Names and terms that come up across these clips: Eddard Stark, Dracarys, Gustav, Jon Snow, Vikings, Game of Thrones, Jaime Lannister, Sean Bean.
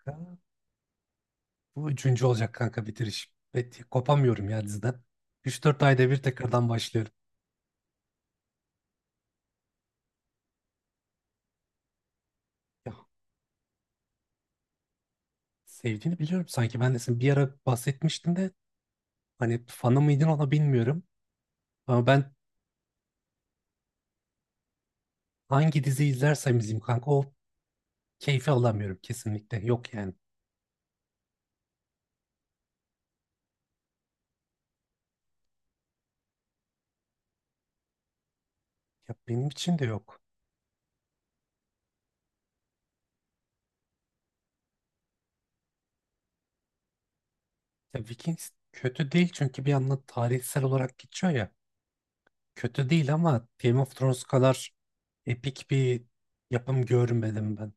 Kanka. Bu üçüncü olacak kanka bitiriş. Bet kopamıyorum ya diziden. 3-4 ayda bir tekrardan başlıyorum. Ya, sevdiğini biliyorum sanki. Ben de sen bir ara bahsetmiştin de hani fanı mıydın ona bilmiyorum. Ama ben hangi dizi izlersem izleyeyim kanka o keyfi alamıyorum kesinlikle. Yok yani. Ya benim için de yok. Ya Vikings kötü değil çünkü bir yandan tarihsel olarak geçiyor ya. Kötü değil ama Game of Thrones kadar epik bir yapım görmedim ben.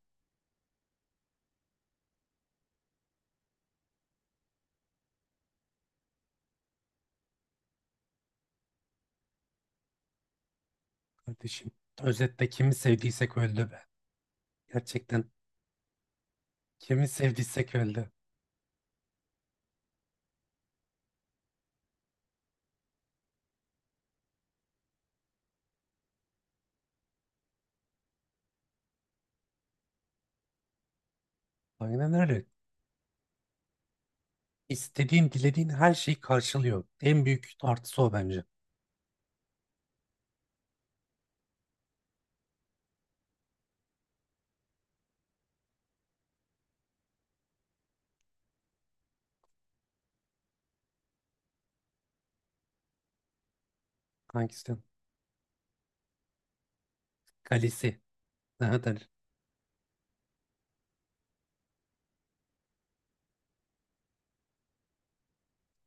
Kardeşim, özetle kimi sevdiysek öldü be. Gerçekten kimi sevdiysek öldü. Aynen öyle. İstediğin, dilediğin her şeyi karşılıyor. En büyük artısı o bence. Hangisi? Kalesi. Ne der?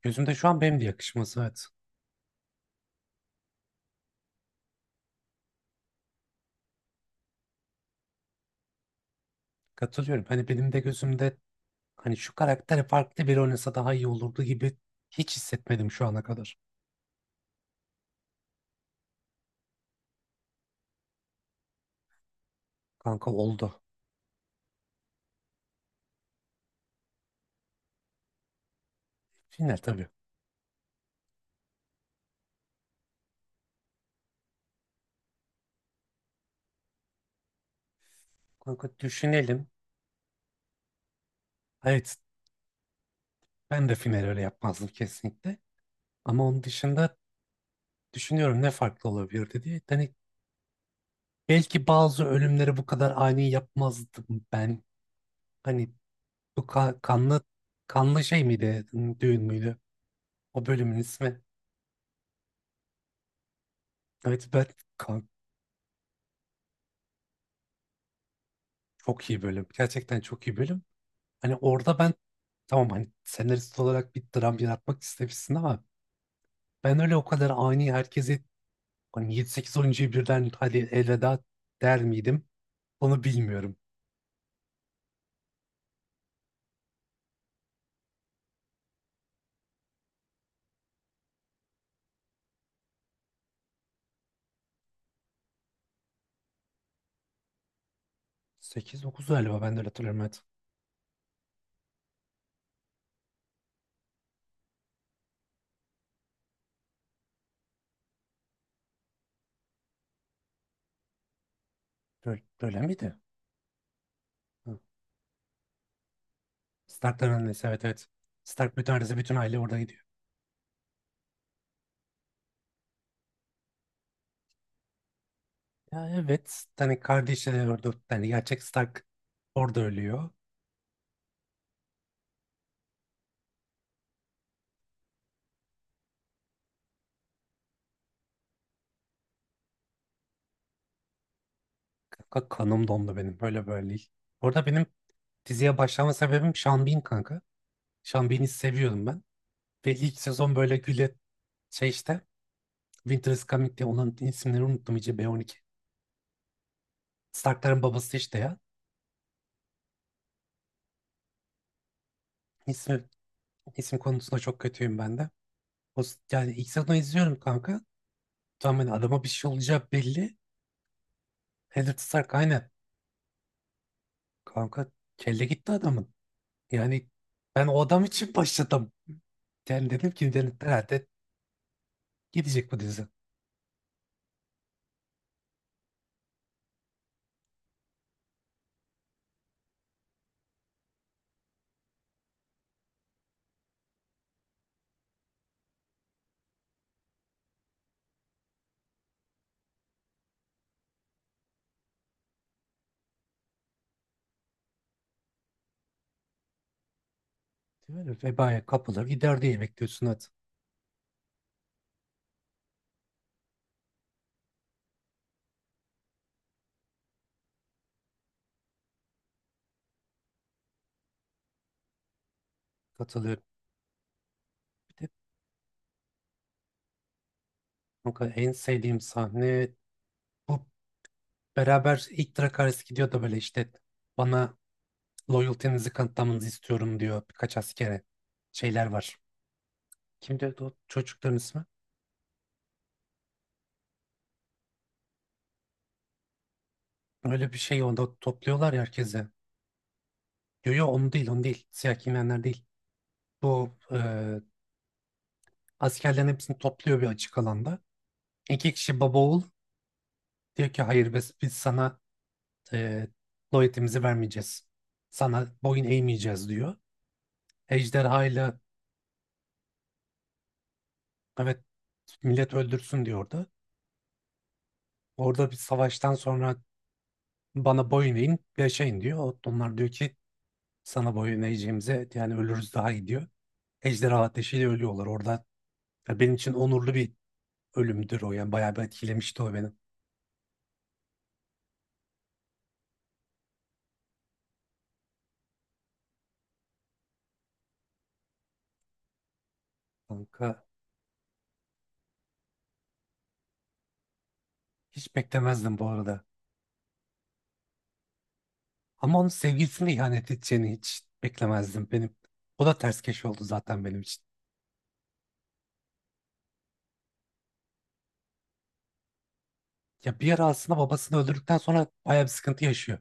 Gözümde şu an benim de yakışması evet. Katılıyorum. Hani benim de gözümde hani şu karakteri farklı biri oynasa daha iyi olurdu gibi hiç hissetmedim şu ana kadar. Kanka oldu. Final tabii. Kanka düşünelim. Evet, ben de final öyle yapmazdım kesinlikle. Ama onun dışında düşünüyorum ne farklı olabilir diye. Hani belki bazı ölümleri bu kadar ani yapmazdım ben. Hani bu kanlı kanlı şey miydi? Düğün müydü? O bölümün ismi. Evet, kan- çok iyi bölüm. Gerçekten çok iyi bölüm. Hani orada ben tamam hani senarist olarak bir dram yaratmak istemişsin ama ben öyle o kadar ani herkesi hani 7-8 oyuncuyu birden hadi elveda der miydim? Onu bilmiyorum. 8-9 galiba ben de öyle hatırlıyorum. Evet. Böyle, böyle miydi? Stark'ların annesi, evet evet. Stark bütün ailesi bütün aile orada gidiyor. Ya evet hani kardeşi de orada yani gerçek Stark orada ölüyor. Kanka kanım dondu benim, böyle böyle değil. Orada benim diziye başlama sebebim Sean Bean kanka. Sean Bean'i seviyordum ben. Ve ilk sezon böyle güle şey işte Winter is Coming diye onun isimleri unuttum iyice B12. Stark'ların babası işte ya. İsmi, isim konusunda çok kötüyüm ben de. O, yani ilk sezonu izliyorum kanka. Tamam hani adama bir şey olacağı belli. Eddard Stark aynen. Kanka kelle gitti adamın. Yani ben o adam için başladım. Yani dedim ki herhalde gidecek bu dizi. Böyle vebaya kapılır gider diye bekliyorsun hadi. Katılıyorum. Bir de kanka en sevdiğim sahne bu beraber ilk Dracarys gidiyor da böyle işte bana Loyalty'nizi kanıtlamanızı istiyorum diyor birkaç askere. Şeyler var. Kimdi o çocukların ismi? Öyle bir şey onda topluyorlar ya herkese. Yo yo onu değil onu değil. Siyah giyinenler değil. Bu askerlerin hepsini topluyor bir açık alanda. İki kişi baba oğul diyor ki hayır biz sana e, loyalty'mizi vermeyeceğiz. Sana boyun eğmeyeceğiz diyor. Ejderha ile, evet, millet öldürsün diyor orada. Orada bir savaştan sonra bana boyun eğin yaşayın diyor. Onlar diyor ki sana boyun eğeceğimize yani ölürüz daha iyi diyor. Ejderha ateşiyle ölüyorlar orada. Ya benim için onurlu bir ölümdür o yani bayağı bir etkilemişti o beni. Kanka hiç beklemezdim bu arada. Ama onun sevgilisine ihanet edeceğini hiç beklemezdim benim. O da ters keş oldu zaten benim için. Ya bir ara aslında babasını öldürdükten sonra bayağı bir sıkıntı yaşıyor.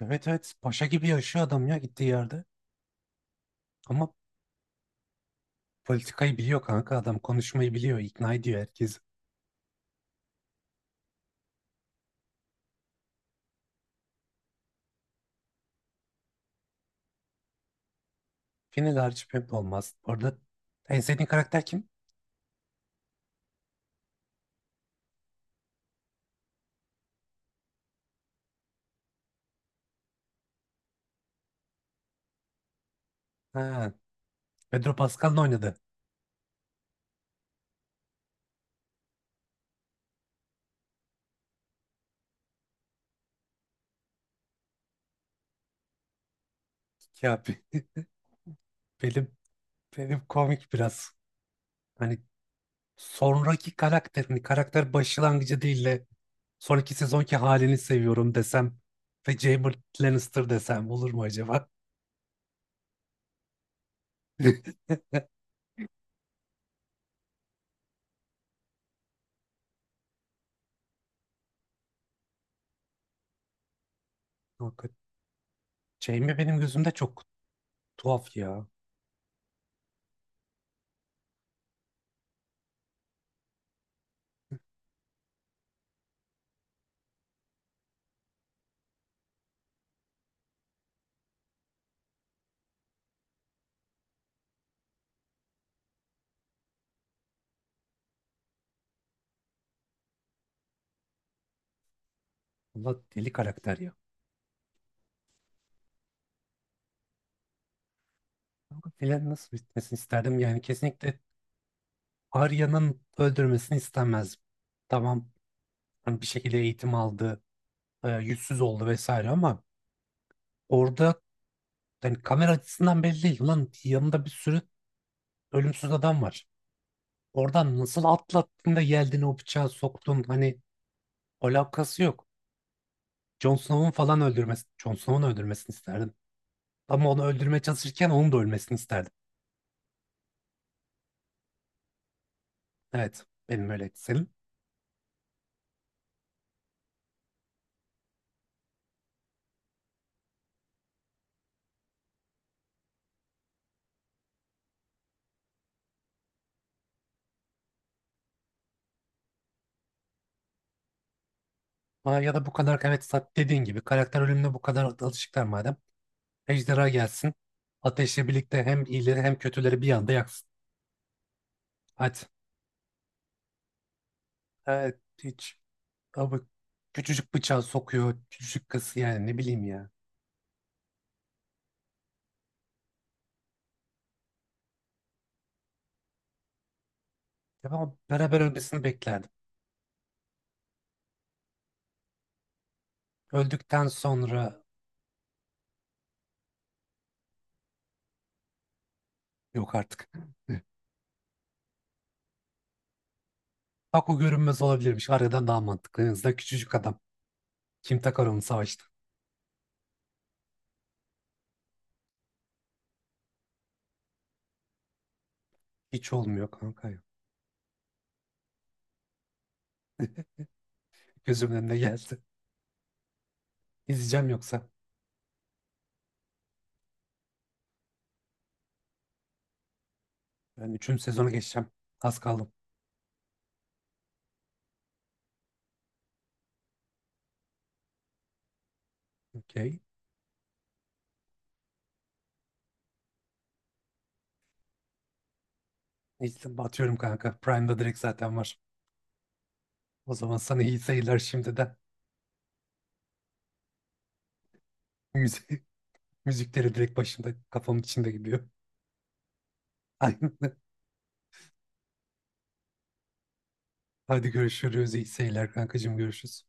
Evet evet, paşa gibi yaşıyor adam ya gittiği yerde. Ama politikayı biliyor kanka, adam konuşmayı biliyor, ikna ediyor herkesi. Final hariç pek de olmaz. Orada en sevdiğin karakter kim? Ha, Pedro Pascal'la oynadı. Ya benim benim komik biraz. Hani sonraki karakterini, karakter başlangıcı değil de sonraki sezonki halini seviyorum desem ve Jaime Lannister desem olur mu acaba? Kanka, Jaime benim gözümde çok tuhaf ya. Allah deli karakter ya. Kanka, filan nasıl bitmesini isterdim yani kesinlikle Arya'nın öldürmesini istemezdim. Tamam hani bir şekilde eğitim aldı, yüzsüz oldu vesaire ama orada yani kamera açısından belli değil. Ulan yanında bir sürü ölümsüz adam var. Oradan nasıl atlattın da geldin o bıçağı soktun. Hani alakası yok. Jon Snow'un öldürmesini isterdim. Ama onu öldürmeye çalışırken onun da ölmesini isterdim. Evet. Benim öyle senin. Aa, ya da bu kadar evet dediğin gibi karakter ölümüne bu kadar alışıklar madem. Ejderha gelsin. Ateşle birlikte hem iyileri hem kötüleri bir anda yaksın. Hadi. Evet. Hiç. Abi küçücük bıçağı sokuyor, küçücük kası yani ne bileyim ya. Ya ben beraber ölmesini beklerdim. Öldükten sonra yok artık. Bak o görünmez olabilirmiş. Aradan daha mantıklı. En azından küçücük adam. Kim takar onu savaşta? Hiç olmuyor kanka ya. Gözümün önüne geldi. İzleyeceğim yoksa. Ben üçüncü sezonu geçeceğim. Az kaldım. Okey. İzle, batıyorum kanka. Prime'da direkt zaten var. O zaman sana iyi seyirler şimdiden. Müzik, müzikleri direkt başımda kafamın içinde gidiyor. Aynen. Hadi görüşürüz. İyi seyirler kankacığım. Görüşürüz.